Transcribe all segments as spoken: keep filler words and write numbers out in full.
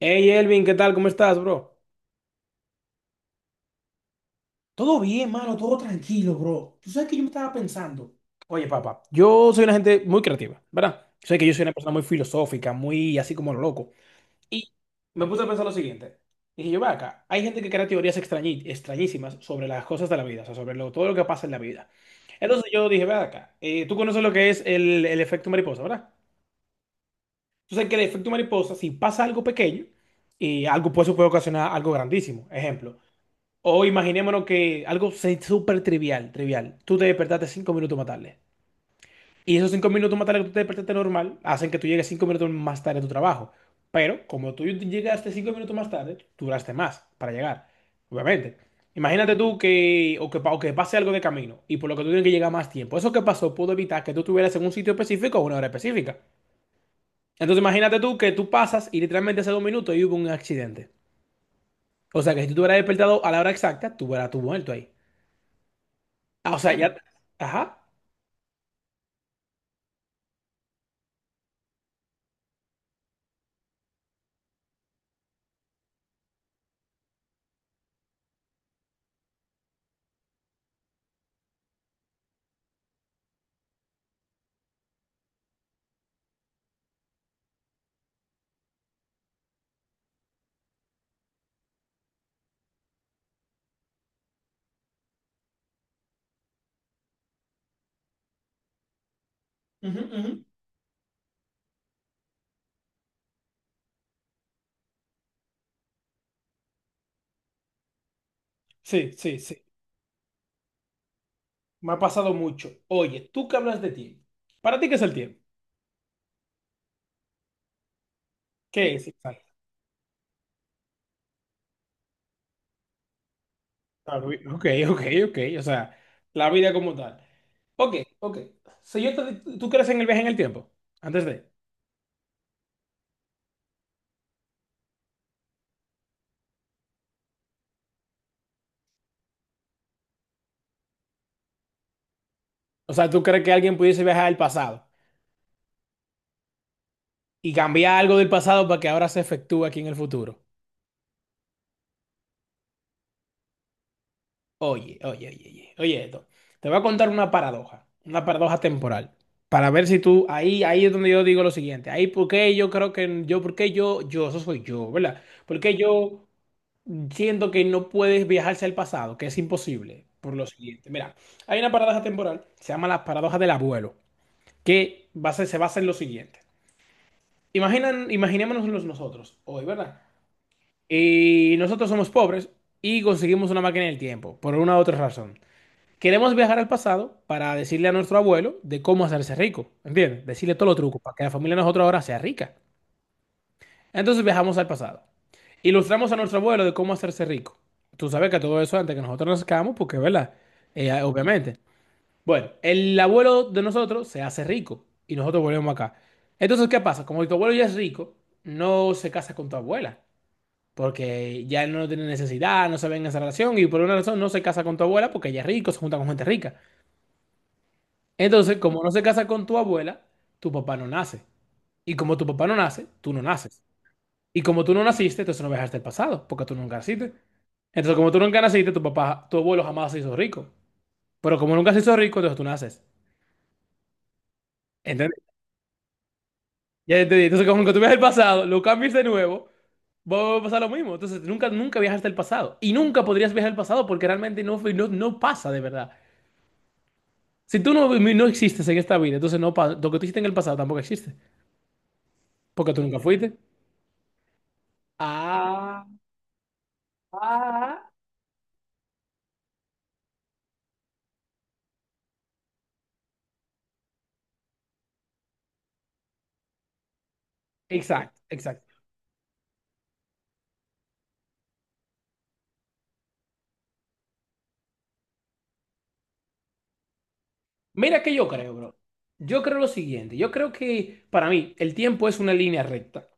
Hey Elvin, ¿qué tal? ¿Cómo estás, bro? Todo bien, mano, todo tranquilo, bro. Tú sabes que yo me estaba pensando. Oye, papá, yo soy una gente muy creativa, ¿verdad? Sé que yo soy una persona muy filosófica, muy así como lo loco. Y me puse a pensar lo siguiente. Dije yo, ve acá, hay gente que crea teorías extrañi- extrañísimas sobre las cosas de la vida, o sea, sobre lo- todo lo que pasa en la vida. Entonces yo dije, ve acá, eh, tú conoces lo que es el, el efecto mariposa, ¿verdad? Tú sabes que el efecto mariposa, si pasa algo pequeño, y algo, pues, eso puede ocasionar algo grandísimo. Ejemplo. O imaginémonos que algo se- súper trivial, trivial. Tú te despertaste cinco minutos más tarde. Y esos cinco minutos más tarde que tú te despertaste normal hacen que tú llegues cinco minutos más tarde a tu trabajo. Pero como tú llegaste cinco minutos más tarde, duraste más para llegar. Obviamente. Imagínate tú que, o que, pa- o que pase algo de camino y por lo que tú tienes que llegar más tiempo. Eso que pasó pudo evitar que tú estuvieras en un sitio específico a una hora específica. Entonces imagínate tú que tú pasas y literalmente hace dos minutos y hubo un accidente. O sea que si tú te hubieras despertado a la hora exacta, tú hubieras tú muerto ahí. Ah, o sea, ya. Ajá. Ujú, ujú. Sí, sí, sí. Me ha pasado mucho. Oye, tú que hablas de tiempo. ¿Para ti qué es el tiempo? ¿Qué es, exacto? Claro, ok, ok, ok. O sea, la vida como tal. Ok, ok. Si yo te- ¿Tú crees en el viaje en el tiempo? Antes de. O sea, ¿tú crees que alguien pudiese viajar al pasado y cambiar algo del pasado para que ahora se efectúe aquí en el futuro? Oye, oye, oye, oye, oye esto. Te voy a contar una paradoja, una paradoja temporal, para ver si tú, ahí, ahí es donde yo digo lo siguiente, ahí porque yo creo que, yo, porque yo, yo, eso soy yo, ¿verdad? Porque yo siento que no puedes viajarse al pasado, que es imposible, por lo siguiente. Mira, hay una paradoja temporal, se llama la paradoja del abuelo, que basa- se basa en lo siguiente. Imaginan, imaginémonos los nosotros hoy, ¿verdad? Y nosotros somos pobres y conseguimos una máquina del tiempo, por una u otra razón. Queremos viajar al pasado para decirle a nuestro abuelo de cómo hacerse rico, ¿entiendes? Decirle todos los trucos para que la familia de nosotros ahora sea rica. Entonces viajamos al pasado. Ilustramos a nuestro abuelo de cómo hacerse rico. Tú sabes que todo eso antes que nosotros nazcamos, porque, ¿verdad? Eh, obviamente. Bueno, el abuelo de nosotros se hace rico y nosotros volvemos acá. Entonces, ¿qué pasa? Como tu abuelo ya es rico, no se casa con tu abuela, porque ya él no tiene necesidad, no se ve en esa relación y por una razón no se casa con tu abuela porque ella es rico, se junta con gente rica. Entonces, como no se casa con tu abuela, tu papá no nace. Y como tu papá no nace, tú no naces. Y como tú no naciste, entonces no viajaste el pasado, porque tú nunca naciste. Entonces, como tú nunca naciste, tu papá, tu abuelo jamás se hizo rico. Pero como nunca se hizo rico, entonces tú naces. ¿Entendés? Ya entendí. Entonces, como que tú viajas el pasado, lo cambias de nuevo, va a pasar lo mismo. Entonces, nunca, nunca viajaste el pasado. Y nunca podrías viajar el pasado porque realmente no, fue- no, no pasa de verdad. Si tú no, no existes en esta vida, entonces no pasa. Lo que tú hiciste en el pasado tampoco existe, porque tú nunca fuiste. Ah. Ah, exacto, exacto. Mira que yo creo, bro. Yo creo lo siguiente. Yo creo que para mí el tiempo es una línea recta.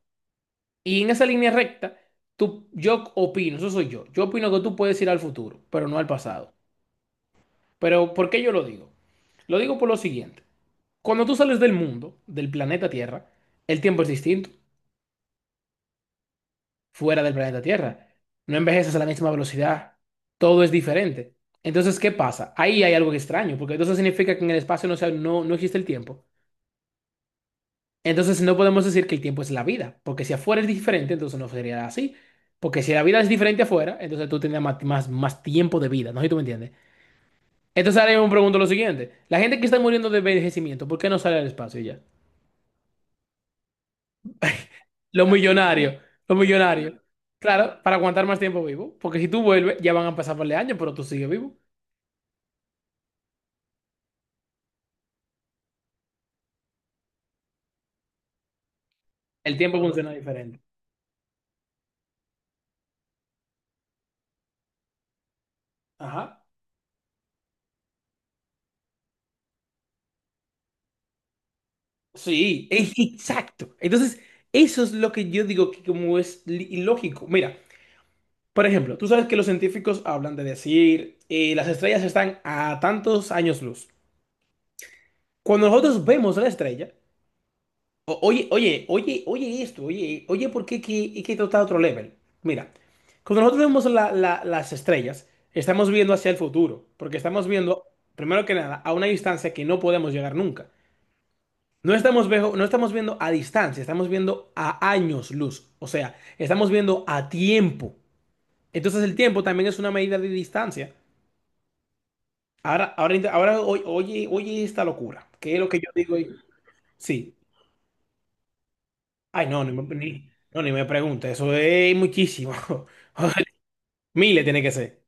Y en esa línea recta, tú, yo opino, eso soy yo. Yo opino que tú puedes ir al futuro, pero no al pasado. Pero ¿por qué yo lo digo? Lo digo por lo siguiente. Cuando tú sales del mundo, del planeta Tierra, el tiempo es distinto. Fuera del planeta Tierra. No envejeces a la misma velocidad. Todo es diferente. Entonces, ¿qué pasa? Ahí hay algo extraño, porque entonces significa que en el espacio no, se- no, no existe el tiempo. Entonces no podemos decir que el tiempo es la vida, porque si afuera es diferente, entonces no sería así. Porque si la vida es diferente afuera, entonces tú tendrías más, más, más tiempo de vida, ¿no sé si tú me entiendes? Entonces ahora yo me pregunto lo siguiente. La gente que está muriendo de envejecimiento, ¿por qué no sale al espacio y ya? Los millonarios, los millonarios. Claro, para aguantar más tiempo vivo, porque si tú vuelves, ya van a pasar par de años, pero tú sigues vivo. El tiempo funciona diferente. Ajá. Sí, es- exacto. Entonces, eso es lo que yo digo que como es li- ilógico. Mira. Por ejemplo, tú sabes que los científicos hablan de decir eh, las estrellas están a tantos años luz. Cuando nosotros vemos la estrella, o- oye, oye, oye, oye esto, oye, oye, ¿por qué que, que esto está a otro level? Mira, cuando nosotros vemos la- la- las estrellas, estamos viendo hacia el futuro, porque estamos viendo, primero que nada, a una distancia que no podemos llegar nunca. No estamos, vejo- no estamos viendo a distancia, estamos viendo a años luz, o sea, estamos viendo a tiempo. Entonces el tiempo también es una medida de distancia. Ahora, ahora, int- ahora oy- oye, oye esta locura. ¿Qué es lo que yo digo? y- Sí. Ay, no, ni me, ni, no, ni me pregunte. Eso es muchísimo. Miles tiene que ser.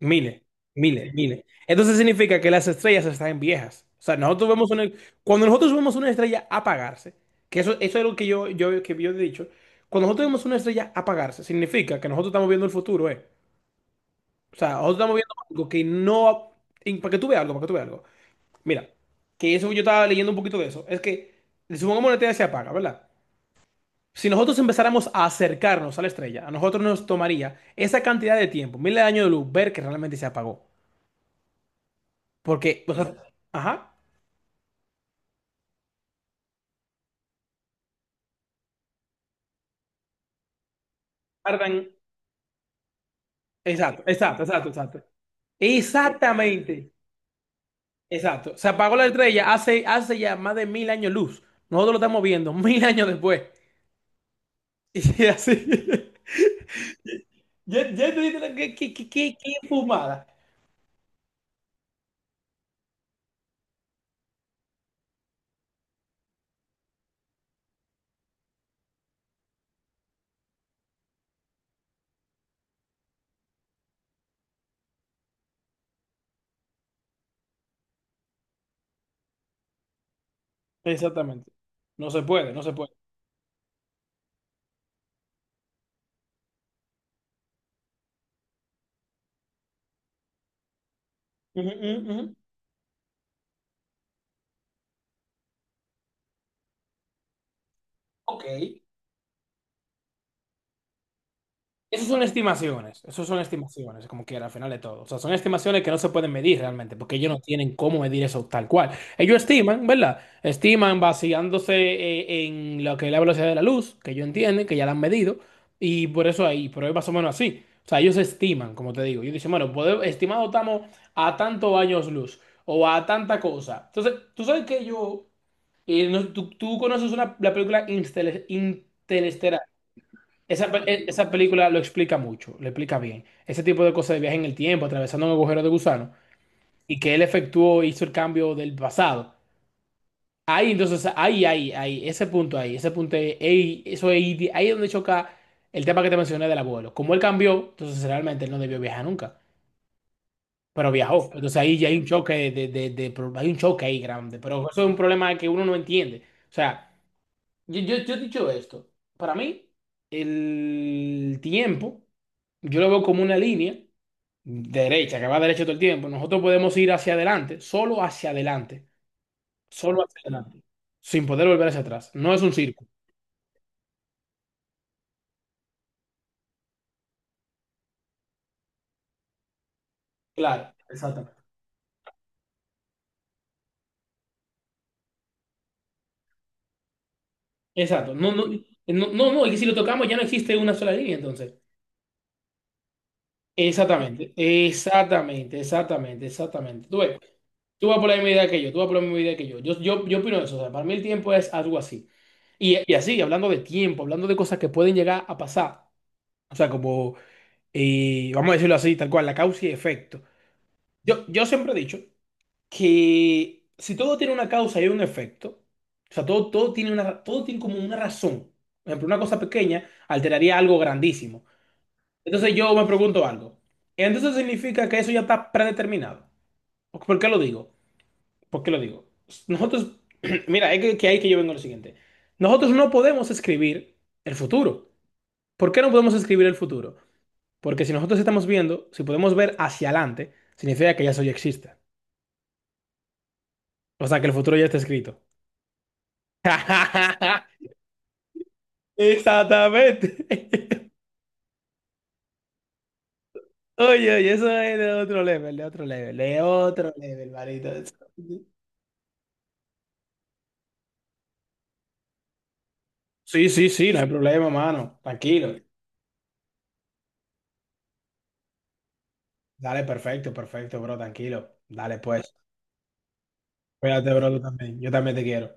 Miles, miles, miles. Entonces significa que las estrellas están viejas. O sea, nosotros vemos una, cuando nosotros vemos una estrella apagarse, que eso, eso es lo que yo, yo, que yo he dicho, cuando nosotros vemos una estrella apagarse, significa que nosotros estamos viendo el futuro, ¿eh? O sea, nosotros estamos viendo algo que no... Y para que tú veas algo, para que tú veas algo. Mira, que eso yo estaba leyendo un poquito de eso. Es que si supongamos la estrella se apaga, ¿verdad? Si nosotros empezáramos a acercarnos a la estrella, a nosotros nos tomaría esa cantidad de tiempo, miles de años de luz, ver que realmente se apagó. Porque, o sea, ajá, tardan. Exacto, exacto, exacto, exacto. Exactamente, exacto. Se apagó la estrella hace, hace ya más de mil años luz. Nosotros lo estamos viendo mil años después. Y así. Ya, ya te diste la- qué, qué, qué qué- qué fumada. Exactamente. No se puede, no se puede. Ujú, ujú, ujú. Ok. Esas son estimaciones, eso son estimaciones, como quiera, al final de todo. O sea, son estimaciones que no se pueden medir realmente, porque ellos no tienen cómo medir eso tal cual. Ellos estiman, ¿verdad? Estiman basándose eh, en lo que es la velocidad de la luz, que ellos entienden, que ya la han medido, y por eso ahí, pero es más o menos así. O sea, ellos estiman, como te digo. Ellos dicen, bueno, pode- estimado estamos a tantos años luz, o a tanta cosa. Entonces, tú sabes que yo, eh, no- tú, tú conoces una, la película Instel- Interestelar. Esa, pe- e- esa película lo explica mucho, lo explica bien. Ese tipo de cosas de viaje en el tiempo, atravesando un agujero de gusano, y que él efectuó, hizo el cambio del pasado. Ahí, entonces, ahí, ahí, ahí, ese punto ahí, ese punto ahí, ahí, eso ahí, ahí es donde choca el tema que te mencioné del abuelo. Como él cambió, entonces realmente él no debió viajar nunca, pero viajó. Entonces ahí ya hay un choque de, de, de- de pro- hay un choque ahí grande, pero eso es un problema que uno no entiende. O sea, Yo, yo, yo he dicho esto. Para mí, el tiempo, yo lo veo como una línea derecha, que va derecha todo el tiempo. Nosotros podemos ir hacia adelante, solo hacia adelante, solo hacia adelante, sin poder volver hacia atrás. No es un círculo. Claro, exactamente. Exacto. No, no, no, no, no, y si lo tocamos ya no existe una sola línea, entonces. Exactamente, exactamente, exactamente, exactamente. Tú ves, tú vas por la misma idea que yo, tú vas por la misma idea que yo. Yo, yo, yo opino eso, o sea, para mí el tiempo es algo así. Y, y así, hablando de tiempo, hablando de cosas que pueden llegar a pasar, o sea, como, eh, vamos a decirlo así, tal cual, la causa y efecto. Yo, yo siempre he dicho que si todo tiene una causa y un efecto, o sea, todo, todo tiene una, todo tiene como una razón. Por ejemplo, una cosa pequeña alteraría algo grandísimo. Entonces yo me pregunto algo. Entonces significa que eso ya está predeterminado. ¿Por qué lo digo? ¿Por qué lo digo? Nosotros, mira, es que, que ahí que yo vengo a lo siguiente. Nosotros no podemos escribir el futuro. ¿Por qué no podemos escribir el futuro? Porque si nosotros estamos viendo, si podemos ver hacia adelante, significa que ya eso ya existe. O sea, que el futuro ya está escrito. Exactamente. Oye, oye, eso es de otro level, de otro level, de otro level, marito. Sí, sí, sí, no hay problema, mano. Tranquilo. Dale, perfecto, perfecto, bro, tranquilo. Dale, pues. Cuídate, bro, tú también. Yo también te quiero.